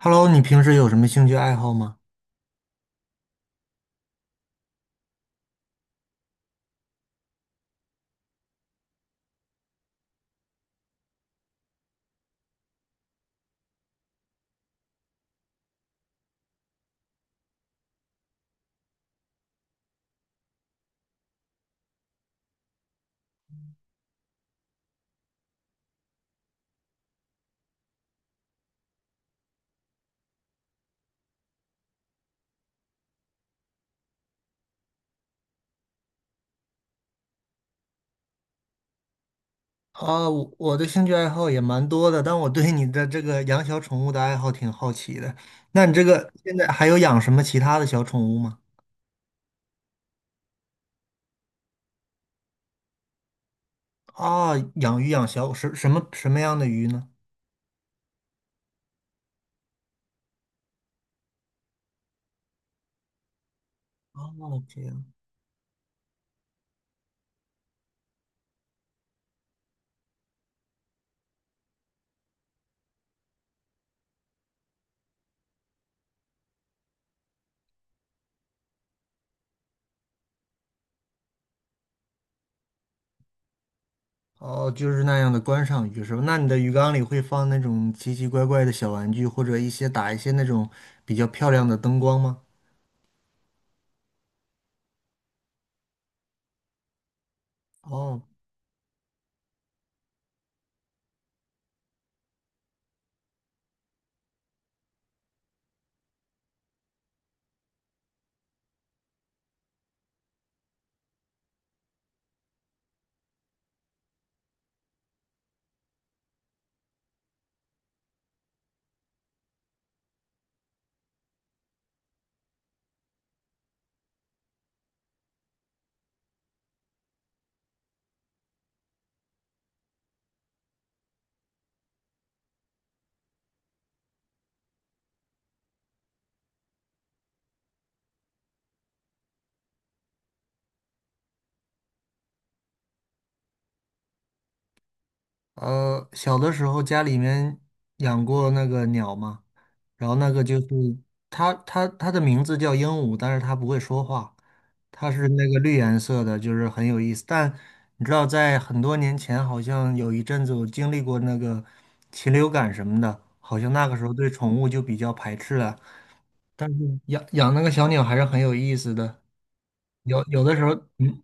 Hello,你平时有什么兴趣爱好吗？我的兴趣爱好也蛮多的，但我对你的这个养小宠物的爱好挺好奇的。那你这个现在还有养什么其他的小宠物吗？啊，养鱼养小什什么什么样的鱼呢？哦，这样。哦，就是那样的观赏鱼是吧？那你的鱼缸里会放那种奇奇怪怪的小玩具，或者一些那种比较漂亮的灯光吗？哦，小的时候家里面养过那个鸟嘛，然后那个就是它的名字叫鹦鹉，但是它不会说话，它是那个绿颜色的，就是很有意思。但你知道，在很多年前，好像有一阵子我经历过那个禽流感什么的，好像那个时候对宠物就比较排斥了。但是养那个小鸟还是很有意思的，有的时候，嗯，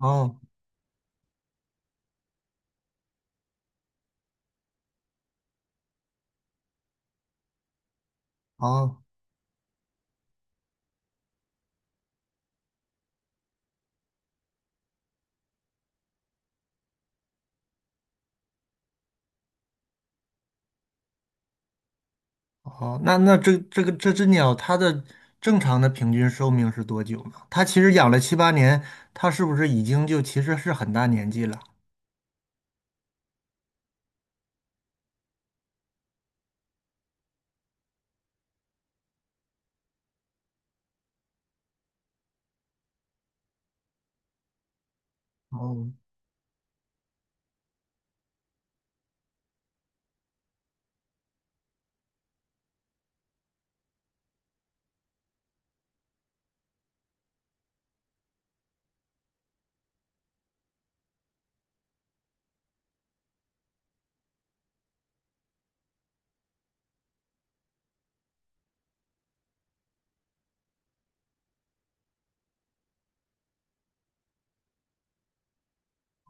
哦哦。哦，那那这这个这只鸟，它的正常的平均寿命是多久呢？它其实养了七八年，它是不是已经就其实是很大年纪了？哦。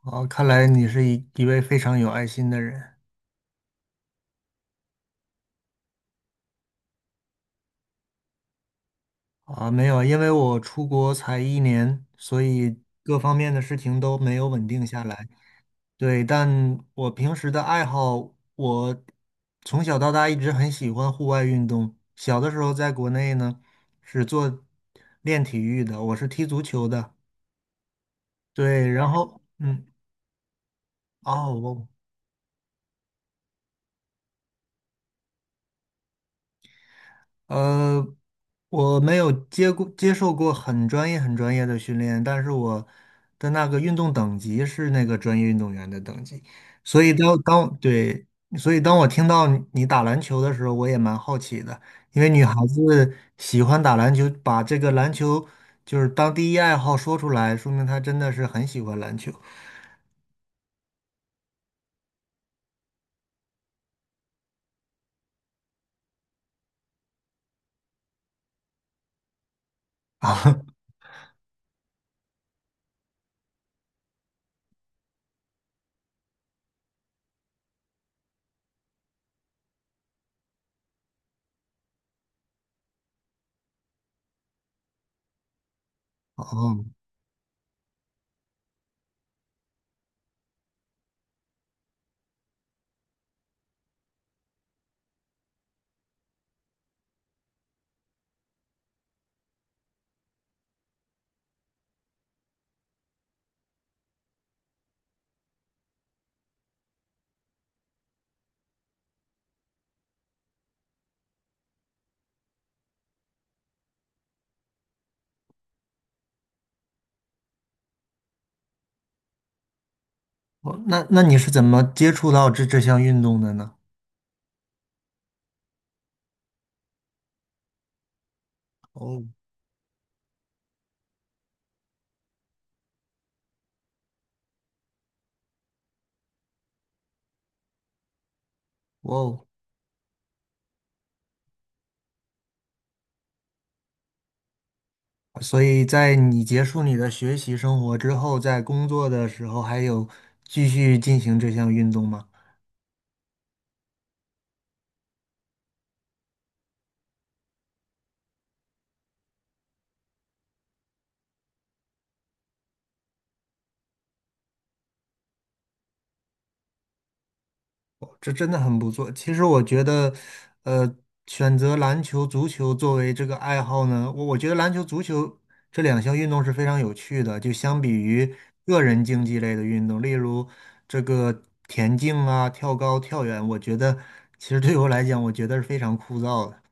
哦，看来你是一位非常有爱心的人。啊，没有，因为我出国才一年，所以各方面的事情都没有稳定下来。对，但我平时的爱好，我从小到大一直很喜欢户外运动。小的时候在国内呢，是做练体育的，我是踢足球的。对，然后哦，呃，我没有接受过很专业的训练，但是我的那个运动等级是那个专业运动员的等级，所以对。所以当我听到你打篮球的时候，我也蛮好奇的，因为女孩子喜欢打篮球，把这个篮球就是当第一爱好说出来，说明她真的是很喜欢篮球。 啊。哦。哦，那你是怎么接触到这项运动的呢？哦，哇哦。所以在你结束你的学习生活之后，在工作的时候还有继续进行这项运动吗？哦，这真的很不错。其实我觉得，呃，选择篮球、足球作为这个爱好呢，我觉得篮球、足球这两项运动是非常有趣的。就相比于个人竞技类的运动，例如这个田径啊、跳高、跳远，我觉得其实对我来讲，我觉得是非常枯燥的。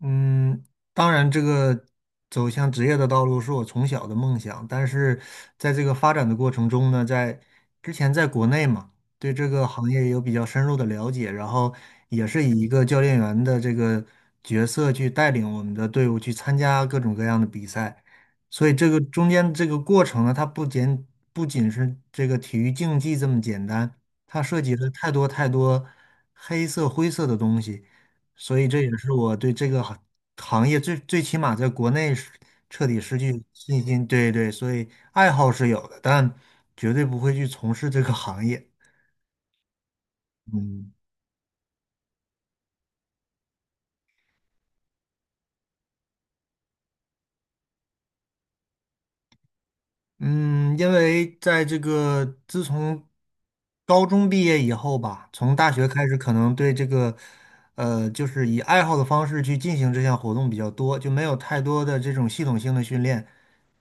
嗯，当然，这个走向职业的道路是我从小的梦想，但是在这个发展的过程中呢，在之前在国内嘛，对这个行业有比较深入的了解，然后也是以一个教练员的这个角色去带领我们的队伍去参加各种各样的比赛，所以这个中间这个过程呢，它不仅是这个体育竞技这么简单，它涉及了太多太多黑色灰色的东西。所以这也是我对这个行业最起码在国内是彻底失去信心。对对，所以爱好是有的，但绝对不会去从事这个行业。嗯嗯，因为在这个自从高中毕业以后吧，从大学开始，可能对这个就是以爱好的方式去进行这项活动比较多，就没有太多的这种系统性的训练。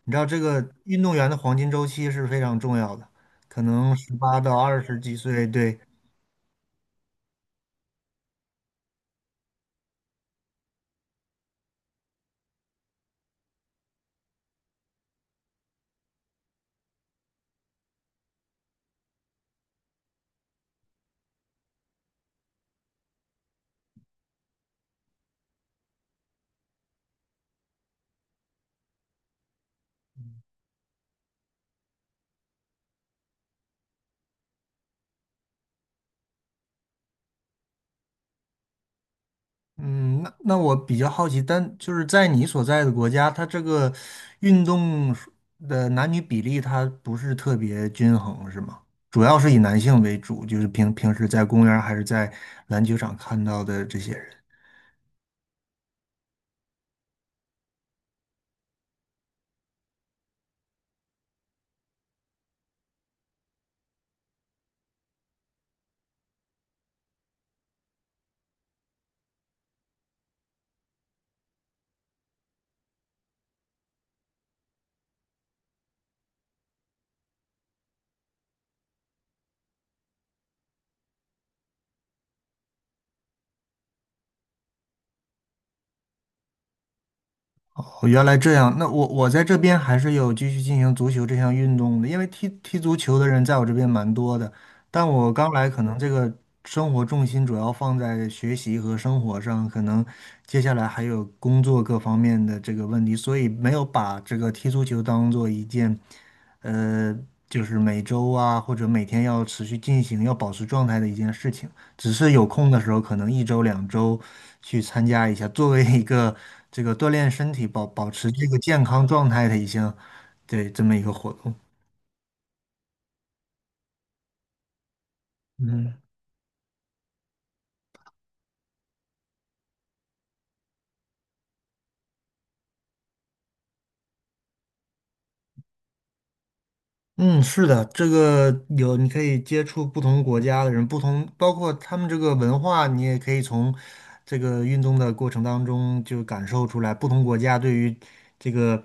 你知道这个运动员的黄金周期是非常重要的，可能十八到二十几岁。对，嗯，那我比较好奇，但就是在你所在的国家，它这个运动的男女比例它不是特别均衡，是吗？主要是以男性为主，就是平时在公园儿还是在篮球场看到的这些人。哦，原来这样。那我在这边还是有继续进行足球这项运动的，因为踢足球的人在我这边蛮多的。但我刚来，可能这个生活重心主要放在学习和生活上，可能接下来还有工作各方面的这个问题，所以没有把这个踢足球当做一件，呃，就是每周啊或者每天要持续进行、要保持状态的一件事情。只是有空的时候，可能一周两周去参加一下，作为一个这个锻炼身体、保持这个健康状态的一项。对，这么一个活动。嗯嗯，是的，这个有你可以接触不同国家的人，不同包括他们这个文化，你也可以从这个运动的过程当中就感受出来，不同国家对于这个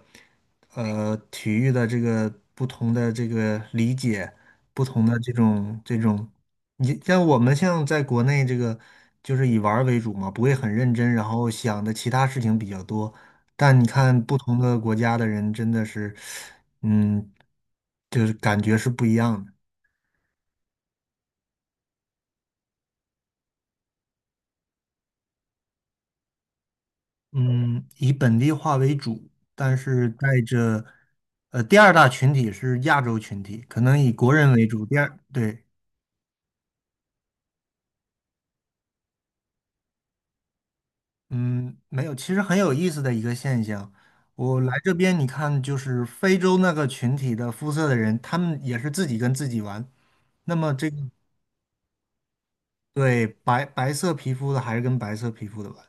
体育的这个不同的这个理解，不同的这种。你像我们像在国内这个，就是以玩儿为主嘛，不会很认真，然后想的其他事情比较多。但你看不同的国家的人，真的是，嗯，就是感觉是不一样的。嗯，以本地化为主，但是带着，呃，第二大群体是亚洲群体，可能以国人为主。第二，对，嗯，没有，其实很有意思的一个现象。我来这边，你看，就是非洲那个群体的肤色的人，他们也是自己跟自己玩。那么这个对白色皮肤的还是跟白色皮肤的玩。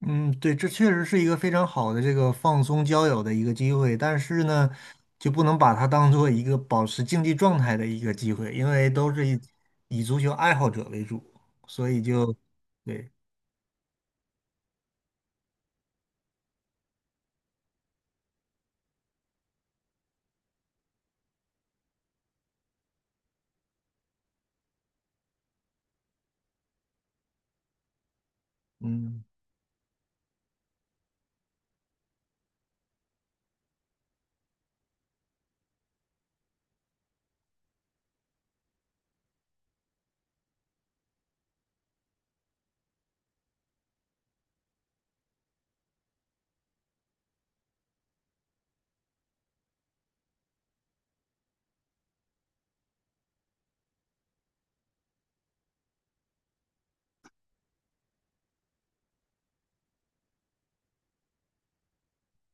嗯，对，这确实是一个非常好的这个放松交友的一个机会，但是呢，就不能把它当做一个保持竞技状态的一个机会，因为都是以足球爱好者为主，所以就对，嗯。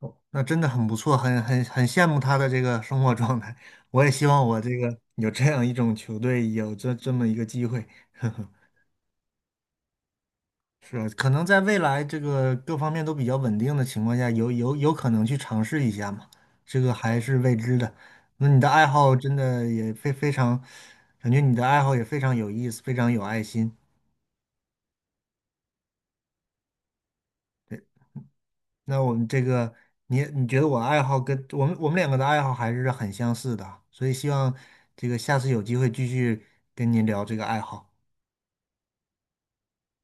哦，那真的很不错，很羡慕他的这个生活状态。我也希望我这个有这样一种球队，有这么一个机会。是吧？可能在未来这个各方面都比较稳定的情况下，有可能去尝试一下嘛，这个还是未知的。那你的爱好真的也非常，感觉你的爱好也非常有意思，非常有爱心。那我们这个，你觉得我爱好跟我们两个的爱好还是很相似的啊，所以希望这个下次有机会继续跟您聊这个爱好。